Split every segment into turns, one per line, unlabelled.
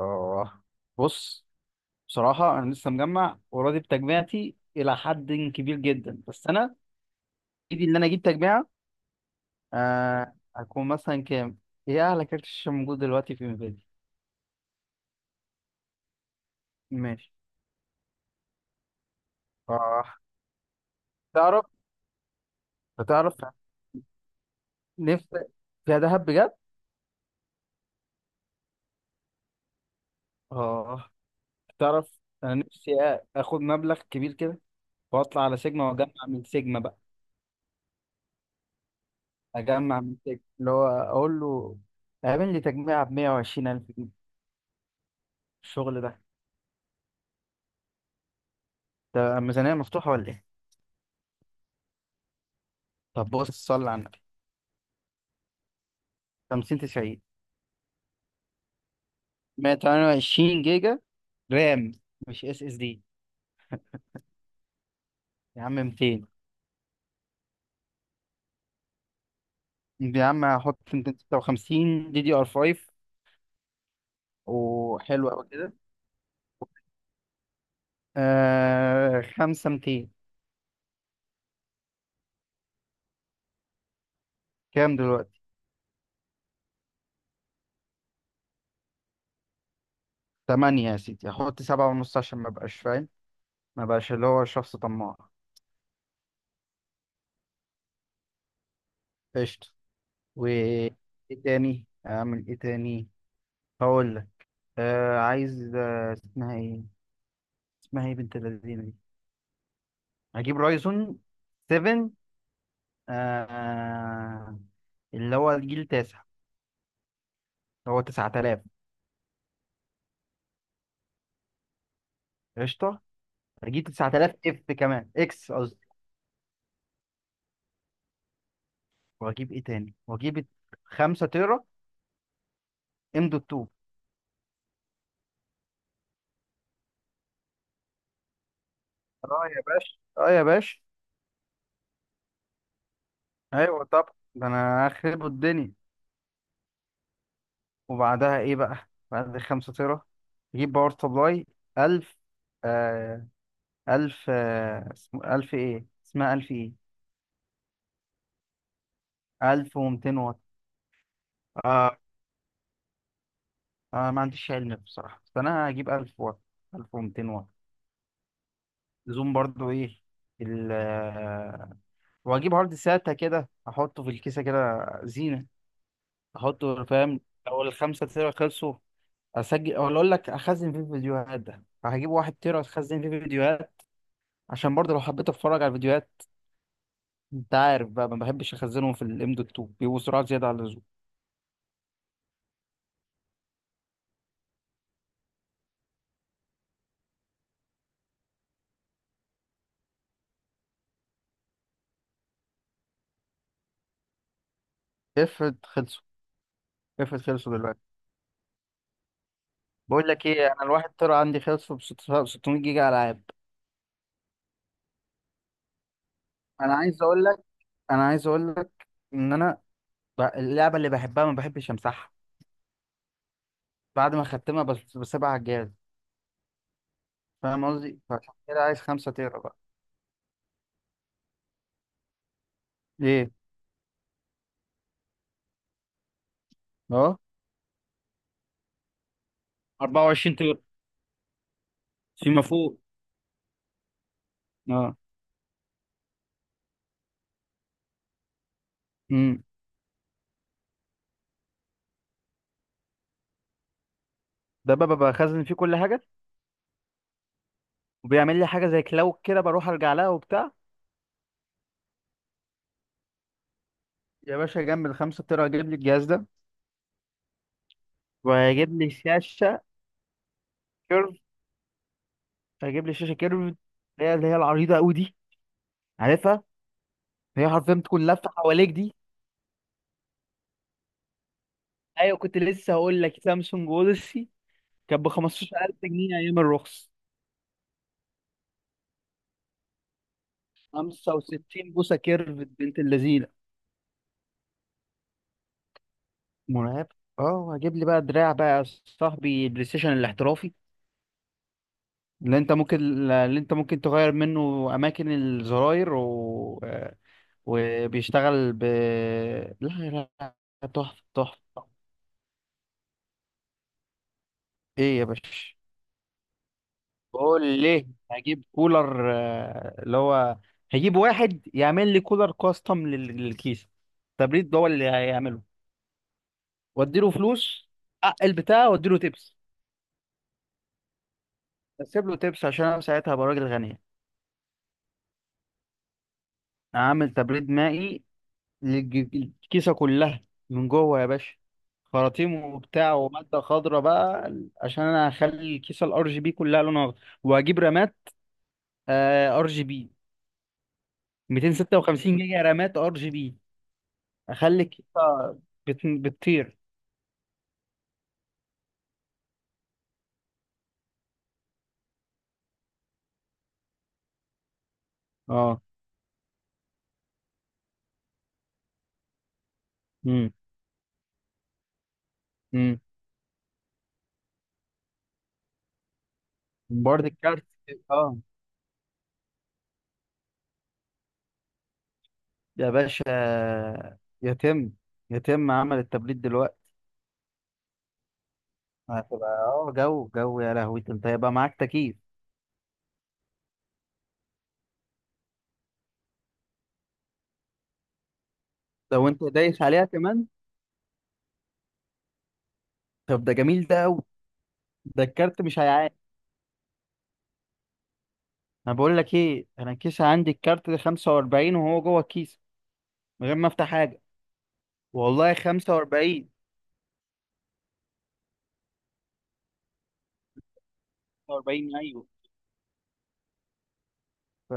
اه، بص. بصراحة أنا لسه مجمع وراضي بتجميعتي إلى حد كبير جدا، بس أنا إيدي إن أنا أجيب تجميعة. هكون مثلا كام؟ هي أعلى كارت شاشة موجود دلوقتي في انفيديا. ماشي، اه. تعرف تعرف نفسي فيها دهب بجد؟ اه، تعرف أنا نفسي آخد مبلغ كبير كده وأطلع على سيجما وأجمع من سيجما بقى. أجمع من سيجما اللي هو أقول له اعمل لي تجميعة ب 120 ألف جنيه، الشغل ده ميزانية مفتوحة ولا إيه؟ طب بص، صل على النبي. 50 90، 128 جيجا رام، مش اس اس دي يا عم، 200. يا عم هحط 256 دي دي ار 5 وحلو قوي كده. 5 200. كام دلوقتي؟ 8 يا سيدي، هحط 7 ونص عشان ما بقاش فاهم، ما بقاش اللي هو شخص طماع. قشطة. و ايه تاني؟ اعمل ايه تاني؟ هقول لك. عايز، اسمها ايه، اسمها ايه بنت اللذينه دي، هجيب رايزون 7. آه اللي هو الجيل التاسع، هو 9000. قشطة. هجيب 9000 اف كمان، اكس قصدي. وهجيب ايه تاني؟ وهجيب 5 تيرا ام دوت 2. اه يا باشا، اه يا باشا. ايوه طب، ده انا اخرب الدنيا. وبعدها ايه بقى بعد ال 5 تيرا؟ اجيب باور سبلاي 1000. آه 1000. اسمه 1000 ايه، اسمها 1000 ايه؟ 1200 واط. آه ما عنديش علم بصراحة، بس انا هجيب 1000 واط، 1200 واط. زوم برضو، ايه ال واجيب عرض ساتا كده احطه في الكيسه كده زينه، احطه فاهم. لو الخمسة تيرا خلصوا اسجل، ولا اقول لك اخزن فيه فيديوهات. ده فهجيب واحد تيرا اخزن فيه فيديوهات، عشان برضه لو حبيت اتفرج على الفيديوهات. انت عارف بقى ما بحبش اخزنهم في الام دوت 2، بيبقوا سرعه زياده عن اللزوم. افرض خلصوا، افرض خلصوا دلوقتي. بقول لك ايه، انا الواحد تيرا عندي خلصوا ب 600 جيجا العاب. انا عايز اقول لك، انا عايز اقول لك ان انا، اللعبه اللي بحبها ما بحبش امسحها بعد ما ختمها، بس بسيبها على الجهاز. فاهم قصدي؟ فعشان كده عايز 5 تيرا بقى. ايه؟ اه، 24 تيرا فيما فوق. اه. امم ده بقى بخزن فيه كل حاجه، وبيعمل لي حاجه زي كلاود كده، بروح ارجع لها وبتاع. يا باشا جنب ال 5 تيرا هجيب لي الجهاز ده. وهيجيب لي شاشه كيرف، هيجيب لي شاشه كيرف اللي هي، اللي هي العريضه قوي دي، عارفها، هي حرفيا بتكون لافه حواليك دي. ايوه، كنت لسه هقول لك سامسونج اوديسي. كانت ب 15000 جنيه ايام الرخص. 65 بوصه كيرف، بنت اللذينه، مرعب. اه، هجيب لي بقى دراع بقى يا صاحبي، بلاي ستيشن الاحترافي، اللي انت ممكن اللي انت ممكن تغير منه اماكن الزراير و... آه، وبيشتغل ب، لا لا لا. تحفه تحفه. ايه يا باشا؟ بقول ليه هجيب كولر، اللي هو هجيب واحد يعمل لي كولر كاستم للكيس. تبريد ده هو اللي هيعمله. واديله فلوس، حق البتاع، واديله تيبس. اسيب له تيبس عشان انا ساعتها هبقى راجل غني. اعمل تبريد مائي، الج- الكيسة كلها من جوه يا باشا، خراطيم وبتاع ومادة خضراء بقى، عشان انا هخلي الكيسة الار جي بي كلها لونها اخضر. وهجيب رامات ار جي بي، 256 جيجا رامات ار جي بي، اخلي الكيسة بتطير. اه. امم امم بورد الكارت. اه يا باشا، يتم يتم عمل التبريد دلوقتي. هتبقى اه، جو، يا لهوي، انت هيبقى معاك تكييف. لو انت دايس عليها كمان. طب ده جميل، ده قوي. ده الكارت مش هيعاني. انا بقول لك ايه، انا الكيس عندي الكارت ده 45 وهو جوه الكيس، من غير ما افتح حاجه، والله 45. 45 ايوه. ف،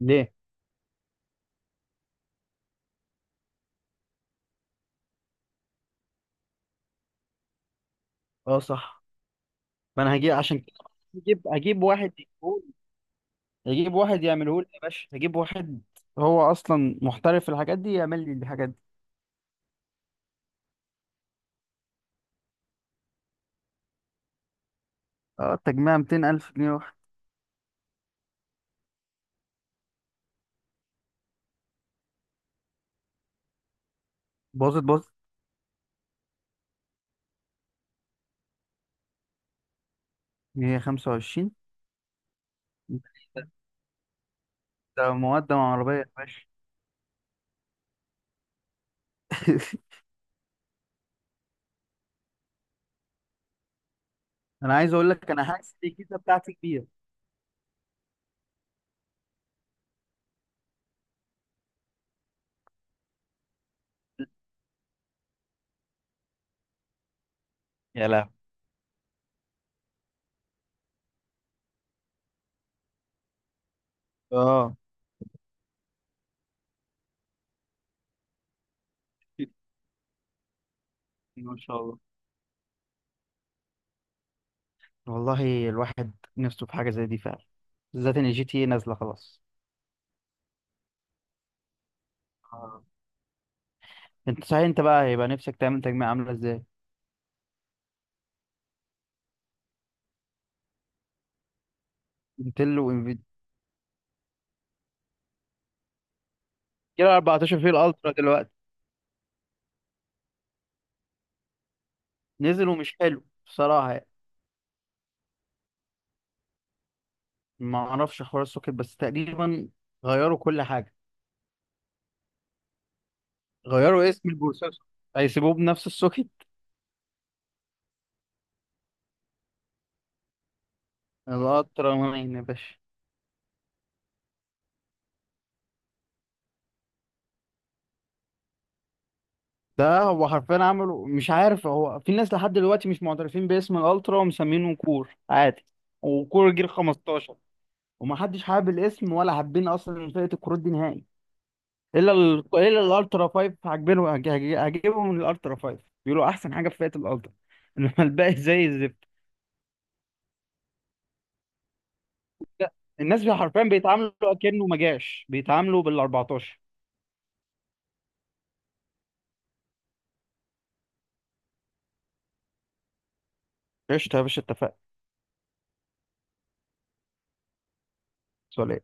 ليه؟ اه صح. ما انا هجيب عشان كده، هجيب واحد يجيبهولي، هجيب واحد يعمله لي يا باشا، هجيب واحد. هو اصلا محترف في الحاجات دي، يعمل لي الحاجات دي. اه، التجميع 200,000 جنيه واحد. باظت. هي 25؟ ده ده مقدم عربيه يا باشا. انا عايز اقول لك، انا حاسس الكيسه بتاعتي كبيره. يا لهوي. اه. ما شاء الله. والله الواحد نفسه في حاجة زي دي فعلا، بالذات ان الجي تي إيه نازلة خلاص. آه. انت صحيح، انت بقى هيبقى نفسك تعمل تجميع عاملة ازاي؟ انتل وانفيديا. كده 14، في الالترا دلوقتي. نزل ومش حلو بصراحة يعني. ما اعرفش حوار السوكت، بس تقريبا غيروا كل حاجة، غيروا اسم البروسيسور، هيسيبوه بنفس السوكت. الالترا مين يا باشا؟ ده هو حرفيا عملوا، مش عارف، هو في ناس لحد دلوقتي مش معترفين باسم الالترا ومسمينه كور عادي، وكور جيل 15. ومحدش حابب الاسم، ولا حابين اصلا فئه الكروت دي نهائي. الا الا الالترا 5 عاجبينه. هجيبهم من الالترا 5، بيقولوا احسن حاجه في فئه الالترا، انما الباقي زي الزفت. الناس حرفيا بيتعاملوا كأنه ما جاش، بيتعاملوا بال 14. قشطه يا باشا، اتفقنا. سؤال.